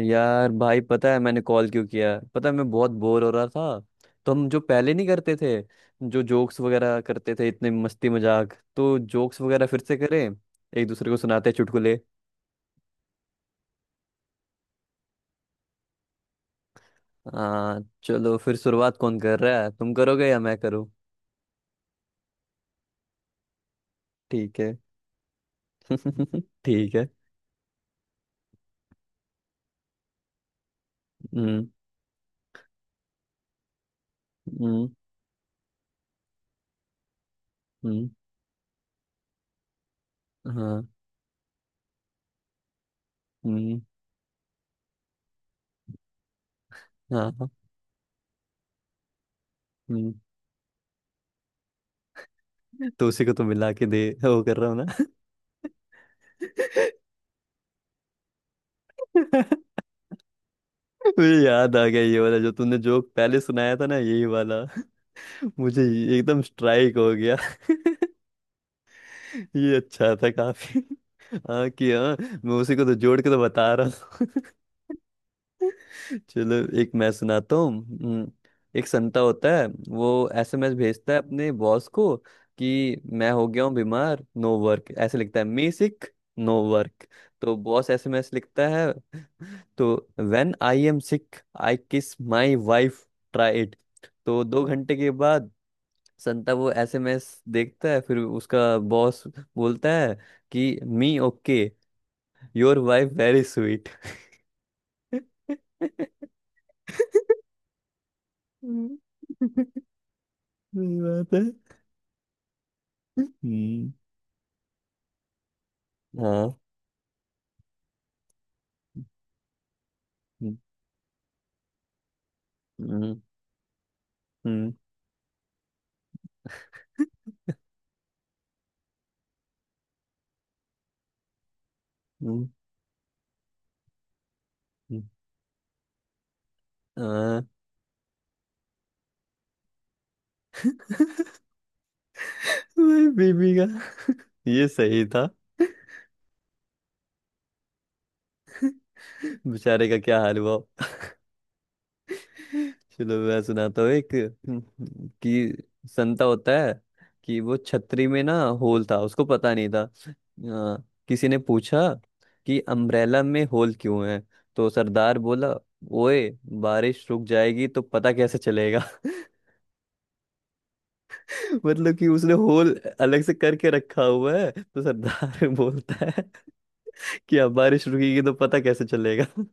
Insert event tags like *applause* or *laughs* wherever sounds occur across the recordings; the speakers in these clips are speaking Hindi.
यार भाई, पता है मैंने कॉल क्यों किया? पता है, मैं बहुत बोर हो रहा था। तो हम जो पहले नहीं करते थे, जो जोक्स वगैरह करते थे, इतने मस्ती मजाक, तो जोक्स वगैरह फिर से करें। एक दूसरे को सुनाते हैं चुटकुले। हाँ, चलो फिर। शुरुआत कौन कर रहा है? तुम करोगे या मैं करूँ? ठीक है। *laughs* ठीक है। हम्म। हम्म। हम्म। हाँ। हम्म। हाँ। हाँ। हम्म। तो उसी को तो मिला के दे, वो कर रहा हूँ। ना। *laughs* मुझे याद आ गया, ये वाला जो तूने जोक पहले सुनाया था ना, यही वाला। *laughs* मुझे ये एकदम स्ट्राइक हो गया। *laughs* ये अच्छा था काफी। *laughs* हाँ कि हाँ, मैं उसी को तो जोड़ के तो बता रहा हूँ। *laughs* चलो, एक मैं सुनाता हूँ। हम्म। एक संता होता है, वो एसएमएस भेजता है अपने बॉस को कि मैं हो गया हूँ बीमार, नो वर्क। ऐसे लिखता है, मी सिक, नो वर्क। तो बॉस एसएमएस लिखता है तो, when I am sick I kiss my wife, try it. तो दो घंटे के बाद संता वो एसएमएस देखता है, फिर उसका बॉस बोलता है कि me okay, your wife very sweet. *laughs* सही बात है। हम्म। हाँ। हम्म। हम्म। हम्म। हम्म। हम्म। हाँ। *laughs* वही बीबी का। ये सही था। बेचारे का क्या हाल हुआ। चलो, मैं सुनाता हूँ एक, कि संता होता है, कि वो छतरी में ना होल था, उसको पता नहीं था। किसी ने पूछा कि अम्ब्रेला में होल क्यों है। तो सरदार बोला, ओए, बारिश रुक जाएगी तो पता कैसे चलेगा? *laughs* मतलब कि उसने होल अलग से करके रखा हुआ है, तो सरदार *laughs* बोलता है कि अब बारिश रुकेगी तो पता कैसे चलेगा? *laughs*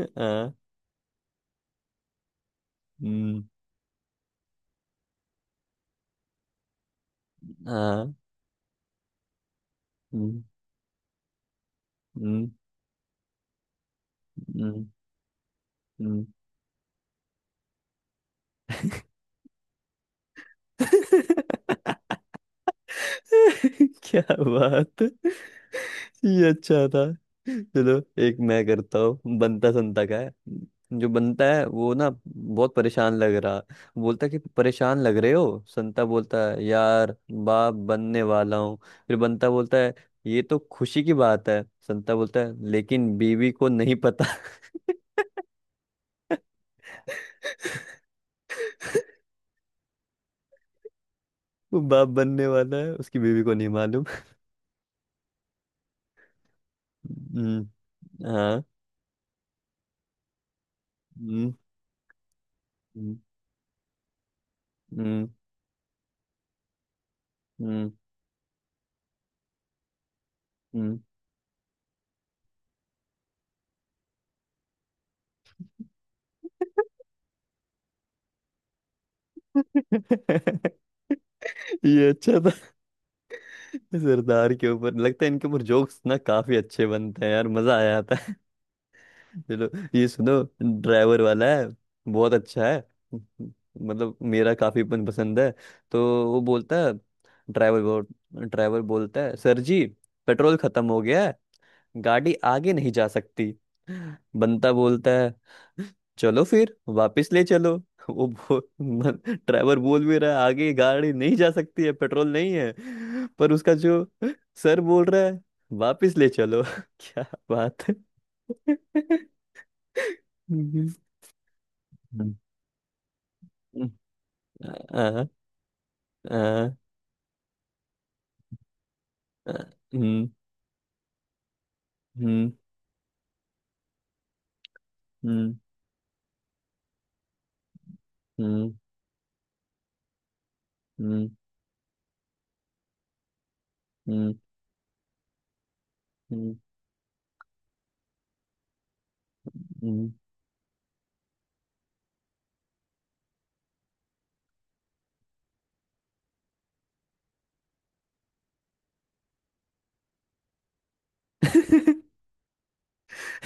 हाँ। हम्म। हाँ। हम्म। हम्म। हम्म। हम्म। *laughs* क्या बात। ये अच्छा था। चलो, एक मैं करता हूँ, बनता संता का है। जो बनता है वो ना बहुत परेशान लग रहा। बोलता कि परेशान लग रहे हो? संता बोलता है, यार, बाप बनने वाला हूँ। फिर बनता बोलता है, ये तो खुशी की बात है। संता बोलता है, लेकिन बीवी को नहीं पता। *laughs* वो बाप बनने वाला है, उसकी बीवी को नहीं मालूम। हम्म। हाँ। हम्म। हम्म। हम्म। हम्म। हम्म। *laughs* ये अच्छा था। सरदार के ऊपर, लगता है इनके ऊपर जोक्स ना काफी अच्छे बनते हैं यार, मजा आ जाता है। *laughs* चलो, ये सुनो। ड्राइवर वाला है, बहुत अच्छा है। मतलब मेरा काफी पसंद है। तो वो बोलता है, ड्राइवर ड्राइवर बोलता है, सर जी, पेट्रोल खत्म हो गया, गाड़ी आगे नहीं जा सकती। बंता बोलता है, चलो फिर वापस ले चलो। वो बो, मन- ड्राइवर बोल भी रहा है, आगे गाड़ी नहीं जा सकती है, पेट्रोल नहीं है। पर उसका जो सर बोल रहा है, वापस ले चलो। *laughs* क्या बात है। *laughs* हम्म। आ, आ, आ, हम्म। हम्म। हम्म। हम्म। हम्म। हम्म। हम्म।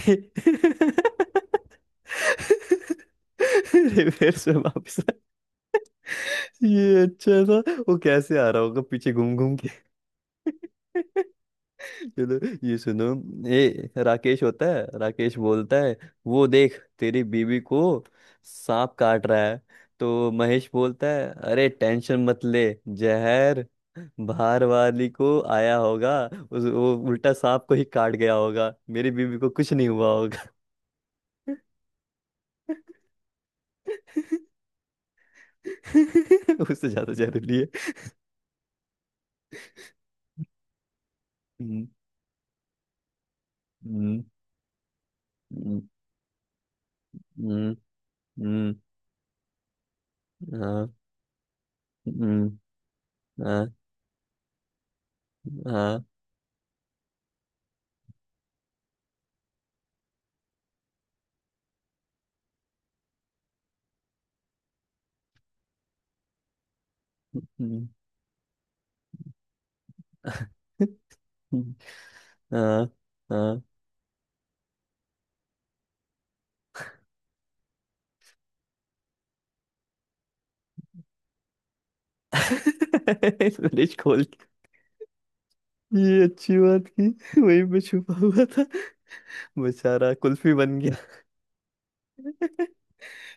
हम्म। *laughs* रिवर्स में वापस आ- ये अच्छा था। वो कैसे आ रहा होगा पीछे घूम घूम के। चलो, ये सुनो। ये राकेश होता है। राकेश बोलता है, वो देख, तेरी बीवी को सांप काट रहा है। तो महेश बोलता है, अरे टेंशन मत ले, जहर बाहर वाली को आया होगा। उस वो उल्टा सांप को ही काट गया होगा, मेरी बीवी को कुछ नहीं हुआ होगा। *laughs* उससे ज्यादा जहरीली है। हम्म। हम्म। हम्म। हम्म। 嗯嗯嗯嗯嗯嗯嗯嗯，फ्रिज। *laughs* *laughs* खोल के, ये अच्छी बात की वहीं पे छुपा हुआ था। बेचारा कुल्फी बन गया।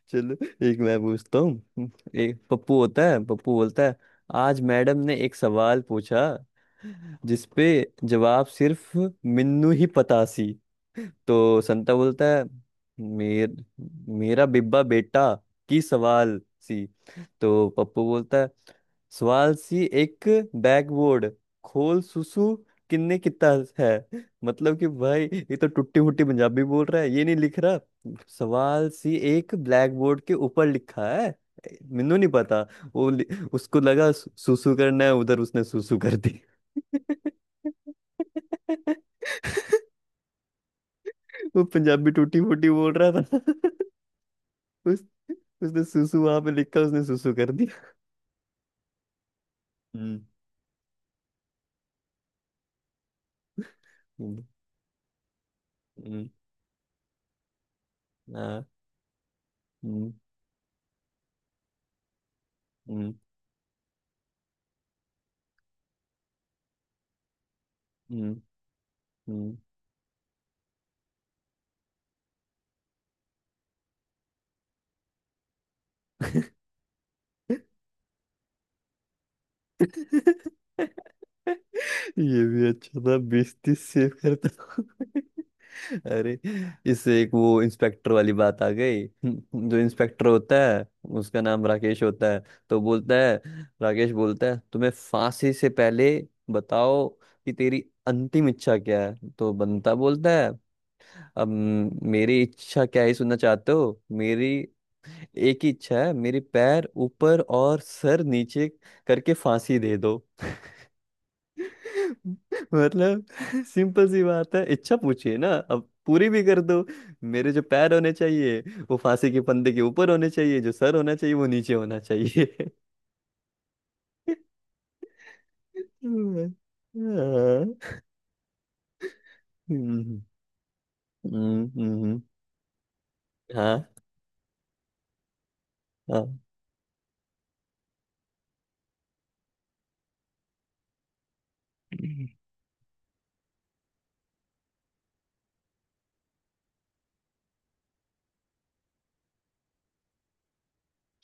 चलो, एक मैं पूछता हूँ। एक पप्पू होता है। पप्पू बोलता है, आज मैडम ने एक सवाल पूछा जिसपे जवाब सिर्फ मिन्नू ही पता सी। तो संता बोलता है, मेर, मेरा बिब्बा बेटा, की सवाल सी? तो पप्पू बोलता है, सवाल सी एक बैकबोर्ड खोल सुसु किन्ने कितना है। मतलब कि भाई, ये तो टुट्टी मुट्टी पंजाबी बोल रहा है, ये नहीं लिख रहा। सवाल सी एक ब्लैक बोर्ड के ऊपर लिखा है, ਮੈਨੂੰ नहीं पता। वो लि- उसको लगा सुसु करना है, उधर उसने सुसु कर दी। *laughs* वो पंजाबी टूटी फूटी बोल रहा था। उस, उसने सुसु वहां पे लिखा, उसने सुसु कर दिया। हम्म। हम्म। हम्म। आ, हम्म। हम्म। हम्म। हम्म। ये भी अच्छा था, 20-30 सेव करता हूँ। अरे, इससे एक वो इंस्पेक्टर वाली बात आ गई, जो इंस्पेक्टर होता है, उसका नाम राकेश होता है। तो बोलता है राकेश बोलता है, तुम्हें फांसी से पहले बताओ कि तेरी अंतिम इच्छा क्या है? तो बंता बोलता है, अब मेरी इच्छा क्या ही सुनना चाहते हो? मेरी एक ही इच्छा है, मेरे पैर ऊपर और सर नीचे करके फांसी दे दो। *laughs* मतलब, *laughs* सिंपल सी बात है, इच्छा पूछिए ना, अब पूरी भी कर दो। मेरे जो पैर होने चाहिए वो फांसी के फंदे के ऊपर होने चाहिए, जो सर होना चाहिए वो नीचे होना चाहिए। *laughs* हम्म। हाँ। हम्म। हम्म। हम्म। हाँ। हाँ।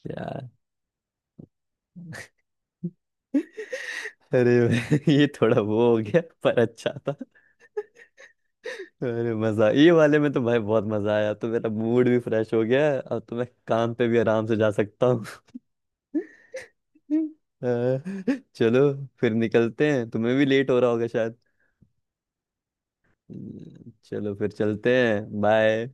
क्या! *laughs* अरे। *laughs* ये थोड़ा वो हो गया पर अच्छा था। अरे मजा, ये वाले में तो भाई बहुत मजा आया, तो मेरा मूड भी फ्रेश हो गया है, अब तो मैं काम पे भी आराम से जा सकता हूँ। *laughs* अ, चलो, फिर निकलते हैं, तुम्हें भी लेट हो रहा होगा शायद। चलो फिर चलते हैं, बाय।